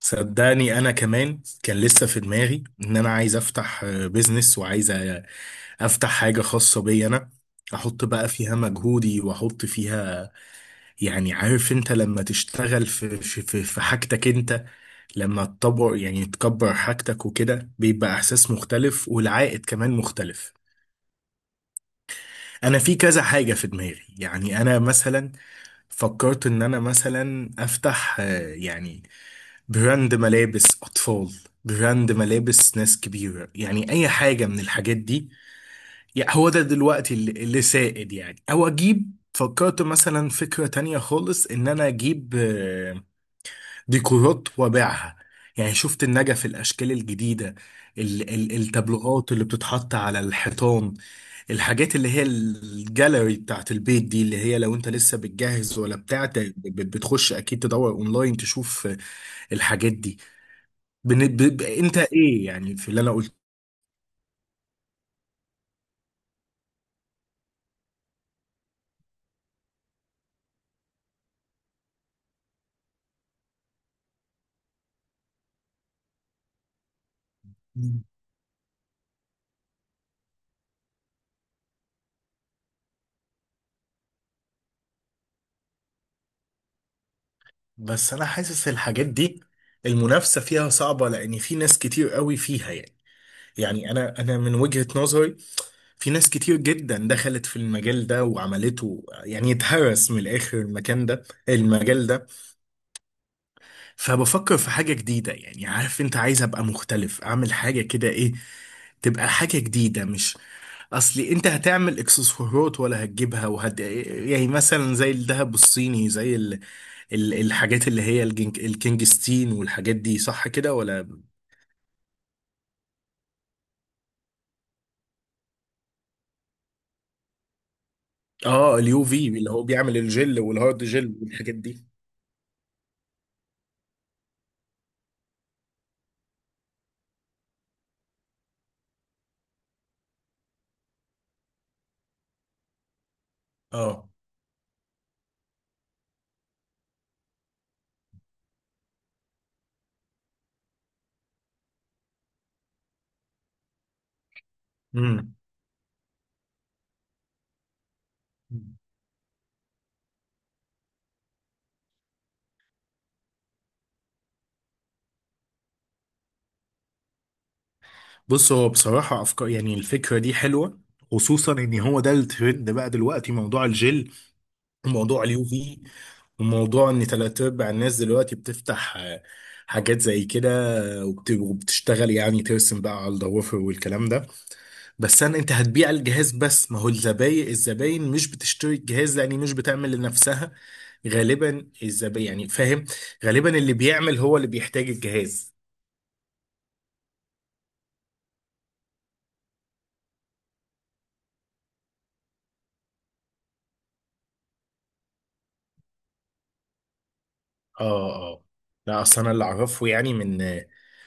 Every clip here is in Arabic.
صدقني، انا كمان كان لسه في دماغي ان انا عايز افتح بيزنس، وعايز افتح حاجه خاصه بي انا، احط بقى فيها مجهودي واحط فيها. يعني عارف انت، لما تشتغل في حاجتك انت، لما تطور يعني تكبر حاجتك وكده، بيبقى احساس مختلف والعائد كمان مختلف. انا في كذا حاجه في دماغي، يعني انا مثلا فكرت ان انا مثلا افتح يعني براند ملابس أطفال، براند ملابس ناس كبيرة، يعني أي حاجة من الحاجات دي. يعني هو ده دلوقتي اللي سائد، يعني. أو أجيب، فكرت مثلا فكرة تانية خالص، إن أنا أجيب ديكورات وأبيعها. يعني شفت النجف، الأشكال الجديدة، التابلوهات اللي بتتحط على الحيطان، الحاجات اللي هي الجاليري بتاعت البيت دي، اللي هي لو انت لسه بتجهز ولا بتاع، بتخش اكيد تدور اونلاين، تشوف الحاجات دي. انت ايه يعني في اللي انا قلت؟ بس انا حاسس الحاجات دي المنافسة فيها صعبة، لان في ناس كتير قوي فيها يعني. يعني انا من وجهة نظري، في ناس كتير جدا دخلت في المجال ده وعملته، يعني اتهرس من الاخر المكان ده، المجال ده. فبفكر في حاجة جديدة، يعني عارف انت، عايز ابقى مختلف، اعمل حاجة كده، ايه، تبقى حاجة جديدة مش... اصلي انت هتعمل اكسسوارات ولا هتجيبها وهت يعني، مثلا زي الذهب الصيني، زي الحاجات اللي هي الجنك الكينجستين والحاجات دي، صح كده ولا؟ اه، اليو في، اللي هو بيعمل الجل والهارد جل والحاجات دي. اه. امم بص، هو بصراحة أفكار، يعني الفكرة دي حلوة، خصوصا إن هو ده الترند بقى دلوقتي، موضوع الجل وموضوع اليو في، وموضوع إن تلات أرباع الناس دلوقتي بتفتح حاجات زي كده، وبتشتغل، يعني ترسم بقى على الضوافر والكلام ده. بس انا، انت هتبيع الجهاز بس، ما هو الزباين مش بتشتري الجهاز، لان مش بتعمل لنفسها غالبا الزباين، يعني فاهم؟ غالبا اللي بيعمل هو اللي بيحتاج الجهاز. اه اه. لا، اصل انا اللي اعرفه يعني، من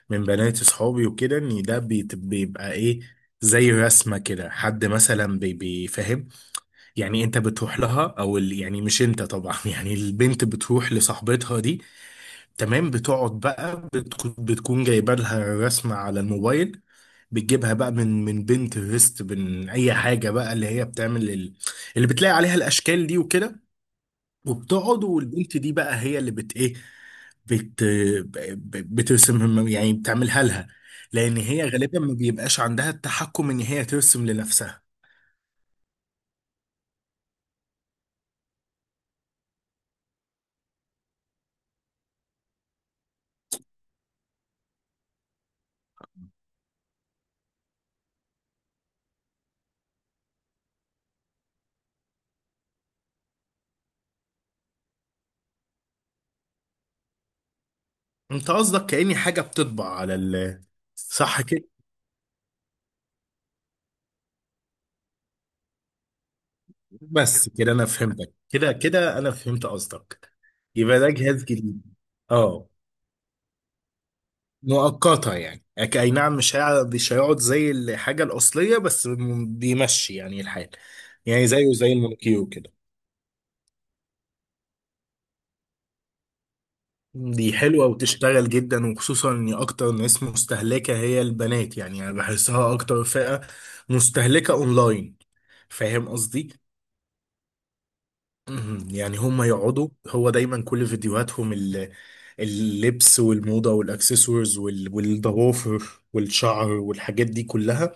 من بنات اصحابي وكده، ان ده بيبقى ايه، زي رسمه كده، حد مثلا بيفهم، يعني انت بتروح لها او يعني مش انت طبعا يعني البنت بتروح لصاحبتها دي، تمام، بتقعد بقى، بتكون جايبه لها رسمه على الموبايل، بتجيبها بقى من بنترست، من اي حاجه بقى اللي هي بتعمل اللي بتلاقي عليها الاشكال دي وكده، وبتقعد، والبنت دي بقى هي اللي بت ايه بت ب- بترسم، يعني بتعملها لها، لان هي غالبا ما بيبقاش عندها التحكم ان هي ترسم لنفسها. انت قصدك كأني حاجه بتطبع على ال... صح كده، بس كده انا فهمتك، كده كده انا فهمت قصدك. يبقى ده جهاز جديد. اه. مؤقتة يعني، اي نعم، مش هيقعد زي الحاجة الأصلية، بس بيمشي يعني الحال. يعني زيه زي المونوكيو كده. دي حلوة وتشتغل جدا، وخصوصا ان اكتر ناس مستهلكة هي البنات، يعني انا بحسها اكتر فئة مستهلكة اونلاين. فاهم قصدي؟ مهم. يعني هم يقعدوا، هو دايما كل فيديوهاتهم اللبس والموضة والاكسسوارز والضوافر والشعر والحاجات دي كلها.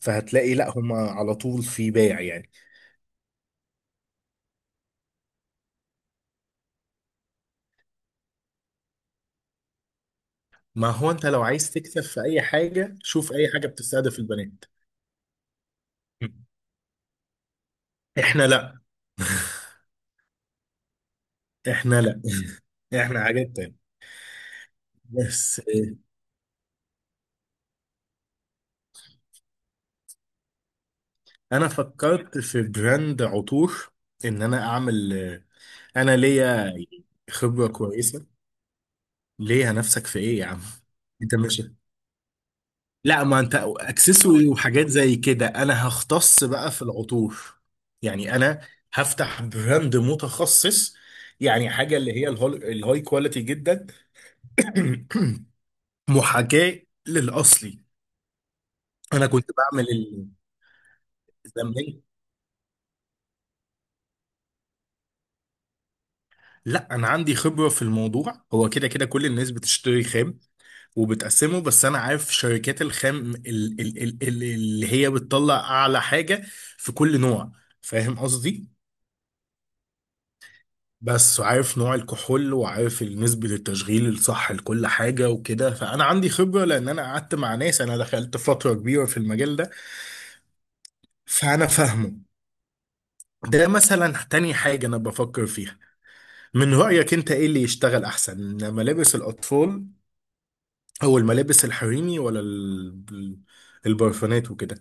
فهتلاقي لا، هم على طول في بيع يعني. ما هو انت لو عايز تكسب في اي حاجة، شوف اي حاجة بتستهدف البنات. مم. احنا لا احنا لا احنا حاجات تانية. بس انا فكرت في براند عطور، ان انا اعمل انا ليا خبرة كويسة. ليه نفسك في ايه يا عم؟ انت مش... لا، ما انت اكسسوري وحاجات زي كده، انا هختص بقى في العطور. يعني انا هفتح براند متخصص، يعني حاجه اللي هي الهاي كواليتي جدا. محاكاه للاصلي. انا كنت بعمل زمان. لا، انا عندي خبره في الموضوع، هو كده كده كل الناس بتشتري خام وبتقسمه، بس انا عارف شركات الخام اللي هي بتطلع اعلى حاجه في كل نوع، فاهم قصدي؟ بس عارف نوع الكحول، وعارف نسبه التشغيل الصح لكل حاجه وكده، فانا عندي خبره، لان انا قعدت مع ناس، انا دخلت فتره كبيره في المجال ده، فانا فاهمه. ده مثلا تاني حاجه انا بفكر فيها. من رايك انت ايه اللي يشتغل احسن؟ ملابس الاطفال، او الملابس الحريمي، ولا البرفانات وكده؟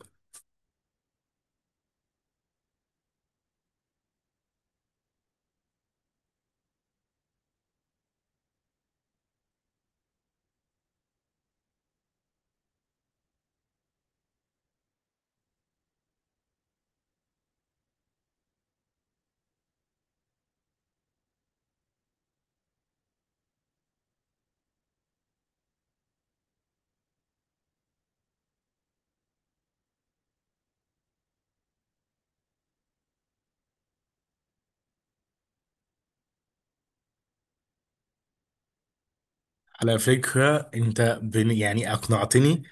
على فكرة انت يعني اقنعتني.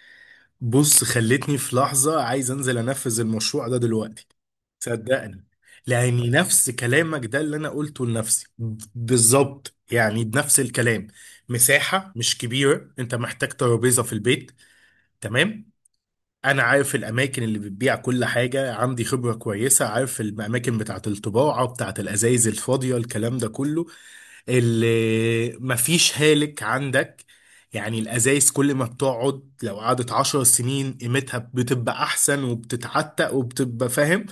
بص، خلتني في لحظة عايز انزل انفذ المشروع ده دلوقتي. صدقني. لاني نفس كلامك ده اللي انا قلته لنفسي بالظبط، يعني بنفس الكلام. مساحة مش كبيرة، انت محتاج ترابيزة في البيت. تمام، انا عارف الاماكن اللي بتبيع كل حاجة، عندي خبرة كويسة، عارف الاماكن بتاعة الطباعة، بتاعة الازايز الفاضية، الكلام ده كله، اللي مفيش هالك عندك. يعني الأزايز كل ما بتقعد، لو قعدت 10 سنين قيمتها بتبقى أحسن، وبتتعتق، وبتبقى فاهم.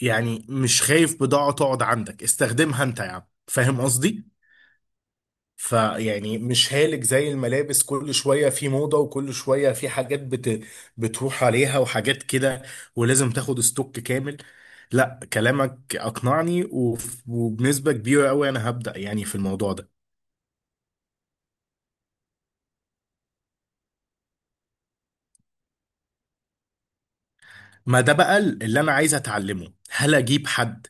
يعني مش خايف بضاعة تقعد عندك، استخدمها أنت يا عم، فاهم قصدي؟ فيعني مش هالك زي الملابس، كل شوية في موضة، وكل شوية في حاجات بتروح عليها وحاجات كده، ولازم تاخد ستوك كامل. لا، كلامك أقنعني، وبنسبة كبيرة أوي أنا هبدأ يعني في الموضوع ده. ما ده بقى اللي انا عايز اتعلمه، هل اجيب حد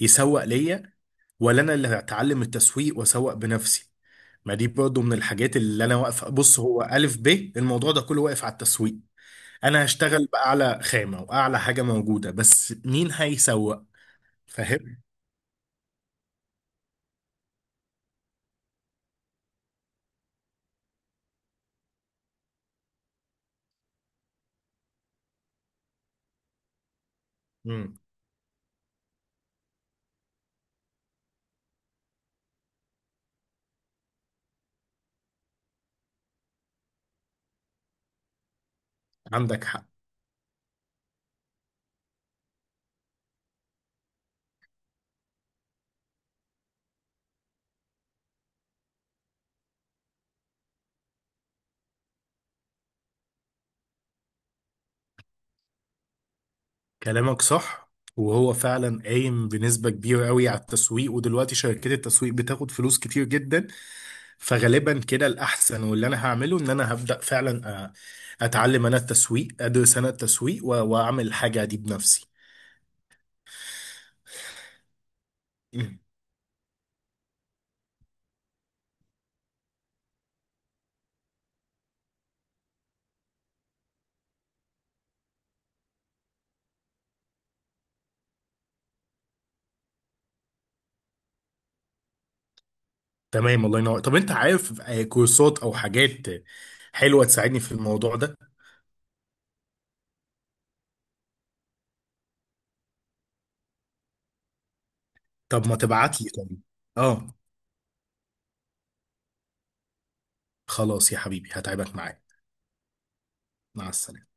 يسوق ليا، ولا انا اللي هتعلم التسويق واسوق بنفسي؟ ما دي برضه من الحاجات اللي انا واقفه. بص، هو الف ب الموضوع ده كله واقف على التسويق، انا هشتغل باعلى خامه واعلى حاجه موجوده، بس مين هيسوق؟ فاهم؟ امم. عندك حق. كلامك صح، وهو فعلا قايم بنسبة كبيرة قوي على التسويق، ودلوقتي شركات التسويق بتاخد فلوس كتير جدا. فغالبا كده الأحسن، واللي أنا هعمله إن أنا هبدأ فعلا، أتعلم أنا التسويق، أدرس أنا التسويق، وأعمل الحاجة دي بنفسي. مم. تمام، الله ينور. طب أنت عارف كورسات أو حاجات حلوة تساعدني في الموضوع ده؟ طب ما تبعت لي طب. اه. خلاص يا حبيبي، هتعبك معايا. مع السلامة.